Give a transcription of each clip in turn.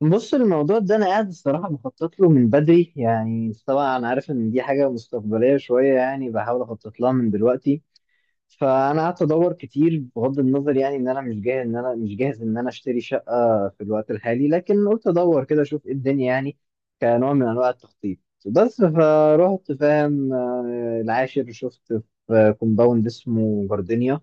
بص، الموضوع ده انا قاعد الصراحه بخطط له من بدري. يعني طبعا انا عارف ان دي حاجه مستقبليه شويه، يعني بحاول اخطط لها من دلوقتي. فانا قعدت ادور كتير، بغض النظر يعني ان انا مش جاهز ان انا اشتري شقه في الوقت الحالي، لكن قلت ادور كده اشوف ايه الدنيا يعني، كنوع من انواع التخطيط. بس فروحت، فاهم، العاشر شفت في كومباوند اسمه جاردينيا.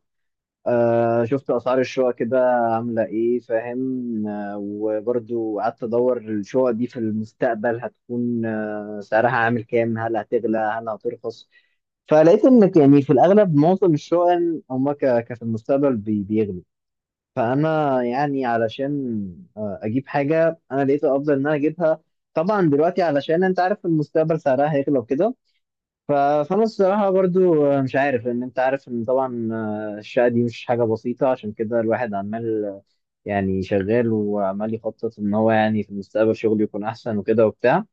آه، شفت اسعار الشقق كده عامله ايه، فاهم، وبرضو قعدت ادور الشقق دي في المستقبل هتكون سعرها عامل كام، هل هتغلى هل هترخص. فلقيت ان يعني في الاغلب معظم الشقق هما في المستقبل بيغلوا. فانا يعني علشان اجيب حاجه، انا لقيت الافضل ان انا اجيبها طبعا دلوقتي، علشان انت عارف المستقبل سعرها هيغلى وكده. ف- فانا الصراحه برضو مش عارف، لان انت عارف ان طبعا الشقه دي مش حاجه بسيطه، عشان كده الواحد عمال يعني شغال وعمال يخطط ان هو يعني في المستقبل شغله يكون احسن وكده وبتاع.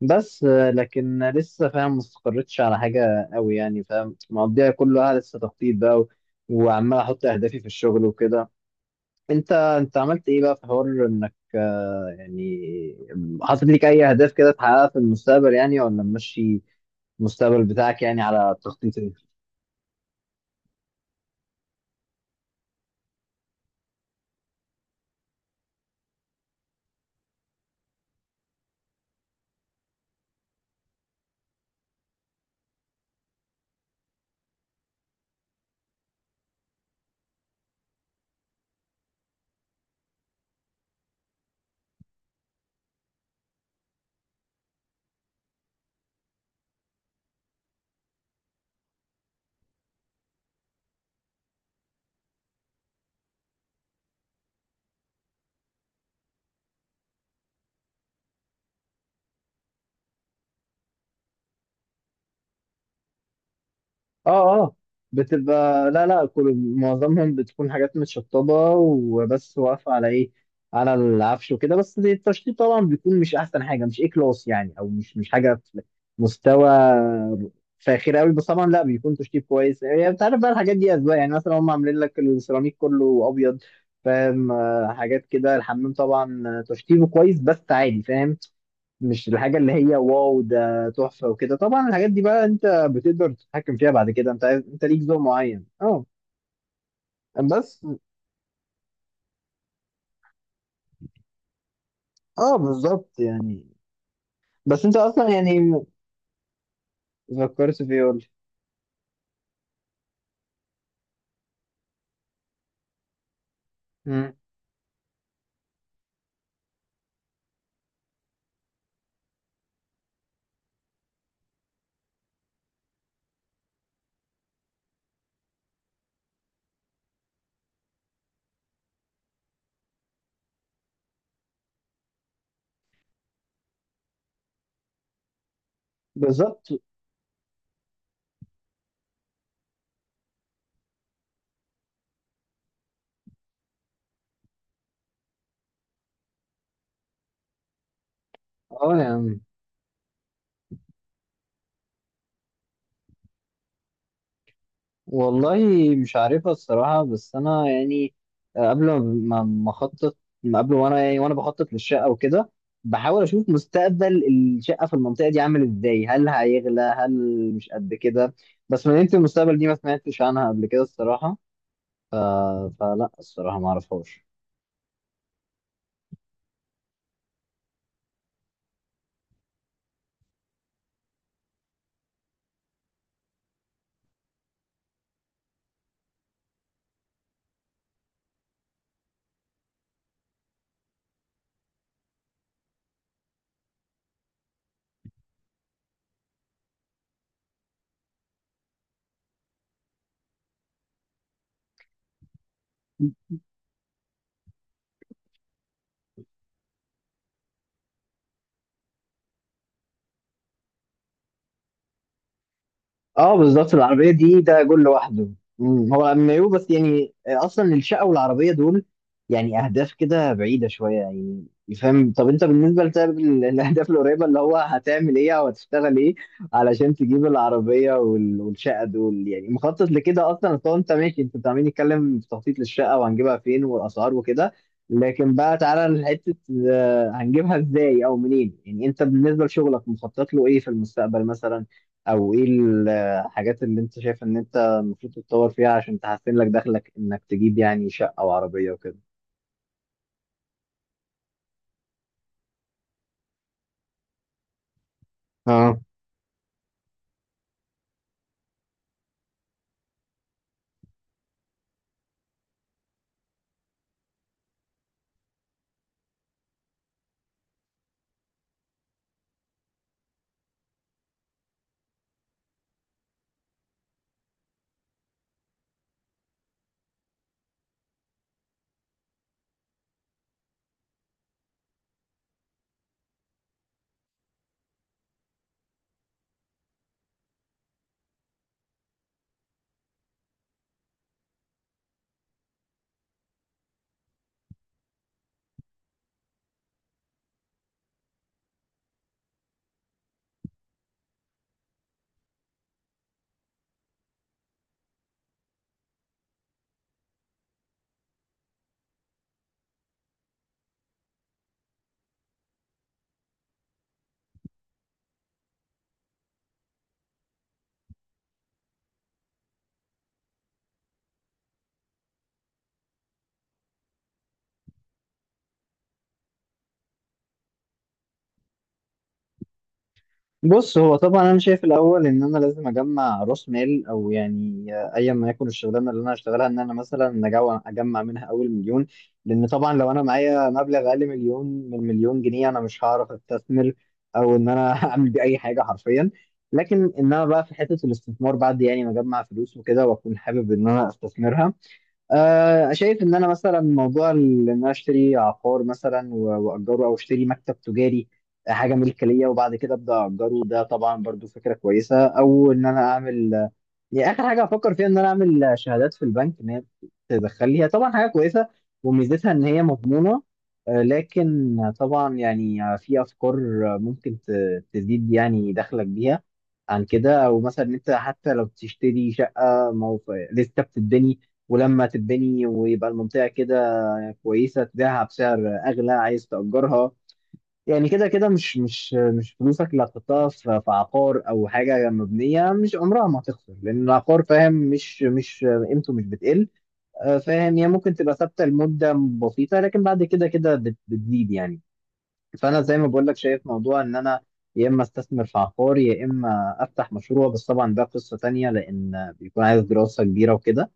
بس لكن لسه، فاهم، ما استقرتش على حاجه قوي، يعني فاهم، مقضيها كلها لسه تخطيط بقى وعمال احط اهدافي في الشغل وكده. انت عملت ايه بقى في حوار انك يعني حاطط لك اي اهداف كده تحققها في المستقبل يعني، ولا ماشي المستقبل بتاعك يعني على التخطيط ايه؟ اه. اه. بتبقى، لا لا، كل معظمهم بتكون حاجات متشطبة وبس، واقفة على ايه، على العفش وكده. بس التشطيب طبعا بيكون مش احسن حاجة، مش ايه كلاس يعني، او مش حاجة في مستوى فاخر قوي. بس طبعا لا، بيكون تشطيب كويس يعني، انت عارف بقى الحاجات دي اذواق. يعني مثلا هم عاملين لك السيراميك كله ابيض، فاهم، حاجات كده. الحمام طبعا تشطيبه كويس بس عادي، فاهم، مش الحاجه اللي هي واو ده تحفه وكده. طبعا الحاجات دي بقى انت بتقدر تتحكم فيها بعد كده، انت عايز، انت ليك ذوق معين. اه. بس اه، بالظبط يعني. بس انت اصلا يعني، فكرت في ايه، قول لي. مم. بالظبط. اه يعني، والله مش عارفها الصراحة، بس أنا يعني قبل ما أخطط، ما قبل وأنا يعني وأنا بخطط للشقة وكده، بحاول أشوف مستقبل الشقة في المنطقة دي عامل إزاي، هل هيغلى هل مش قد كده. بس من أنت، المستقبل دي ما سمعتش عنها قبل كده الصراحة. ف... فلا الصراحة ما أعرفهاش. اه بالظبط. العربية دي ده جول لوحده. هو امبايو. بس يعني اصلا الشقة والعربية دول يعني اهداف كده بعيدة شوية يعني، فاهم. طب انت بالنسبة لسبب الاهداف القريبة اللي هو هتعمل ايه او هتشتغل ايه علشان تجيب العربية والشقة دول يعني، مخطط لكده اصلا؟ اصل هو انت ماشي، انت عمالين نتكلم في تخطيط للشقة وهنجيبها فين والاسعار وكده، لكن بقى تعالى لحتة، هنجيبها ازاي او منين؟ يعني انت بالنسبة لشغلك مخطط له ايه في المستقبل مثلا، او ايه الحاجات اللي انت شايف ان انت المفروض تتطور فيها عشان تحسن لك دخلك انك تجيب يعني شقة وعربية وكده؟ اه. بص هو طبعا انا شايف الاول ان انا لازم اجمع راس مال، او يعني ايا ما يكون الشغلانه اللي انا هشتغلها ان انا مثلا اجمع منها اول 1,000,000. لان طبعا لو انا معايا مبلغ اقل 1,000,000، من 1,000,000 جنيه، انا مش هعرف استثمر او ان انا اعمل بيه اي حاجه حرفيا. لكن ان انا بقى في حته الاستثمار بعد يعني ما اجمع فلوس وكده واكون حابب ان انا استثمرها، شايف ان انا مثلا موضوع ان انا اشتري عقار مثلا واجره، او اشتري مكتب تجاري، حاجه ملك ليا وبعد كده ابدا اجره. ده طبعا برضو فكره كويسه. او ان انا اعمل، يعني اخر حاجه افكر فيها، ان انا اعمل شهادات في البنك ان هي تدخل لي، هي طبعا حاجه كويسه وميزتها ان هي مضمونه. لكن طبعا يعني في افكار ممكن تزيد يعني دخلك بيها عن كده. او مثلا إن انت حتى لو تشتري شقه لسه بتتبني، ولما تتبني ويبقى المنطقة كده كويسة، تبيعها بسعر أغلى، عايز تأجرها. يعني كده كده، مش فلوسك اللي هتحطها في عقار أو حاجة مبنية مش عمرها ما هتخسر، لأن العقار فاهم، مش قيمته مش بتقل. فاهم، هي ممكن تبقى ثابتة لمدة بسيطة، لكن بعد كده كده بتزيد يعني. فأنا زي ما بقول لك، شايف موضوع إن أنا يا إما استثمر في عقار، يا إما أفتح مشروع، بس طبعا ده قصة تانية لأن بيكون عايز دراسة كبيرة وكده.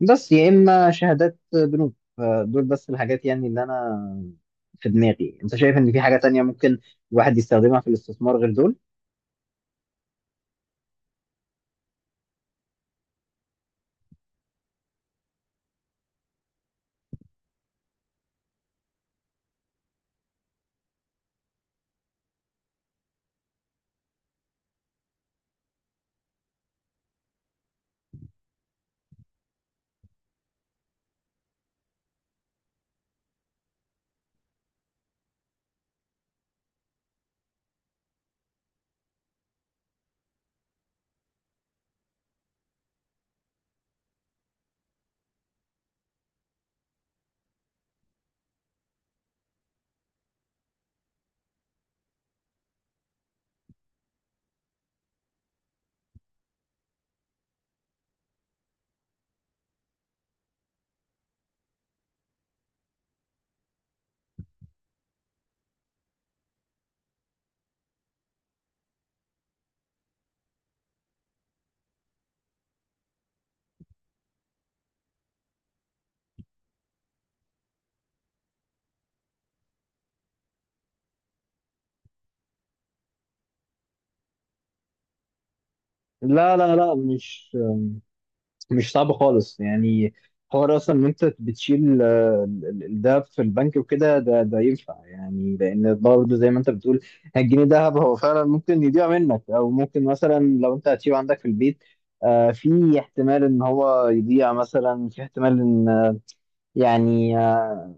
بس يا اما شهادات بنوك. فدول بس الحاجات يعني اللي انا في دماغي. انت شايف ان في حاجة تانية ممكن الواحد يستخدمها في الاستثمار غير دول؟ لا لا لا، مش صعب خالص يعني. حوار اصلا ان انت بتشيل ده في البنك وكده، ده ينفع يعني. لان برضه زي ما انت بتقول، الجنيه دهب هو فعلا ممكن يضيع منك، او ممكن مثلا لو انت هتسيبه عندك في البيت، في احتمال ان هو يضيع، مثلا في احتمال ان، يعني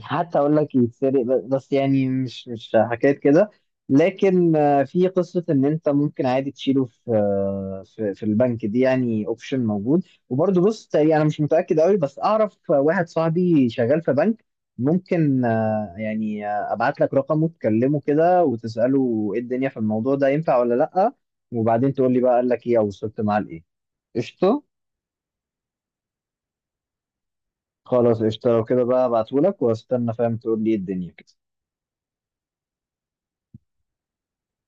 حتى اقول لك يتسرق. بس يعني مش حكايه كده. لكن في قصه ان انت ممكن عادي تشيله في في البنك. دي يعني اوبشن موجود. وبرضه بص، تقريباً انا مش متاكد قوي، بس اعرف واحد صاحبي شغال في بنك. ممكن ابعت لك رقمه تكلمه كده وتساله ايه الدنيا في الموضوع ده ينفع ولا لا، وبعدين تقول لي بقى قال لك ايه او وصلت معاه لايه. قشطه. خلاص قشطه. لو كده بقى، ابعتهولك واستنى، فاهم، تقول لي ايه الدنيا كده.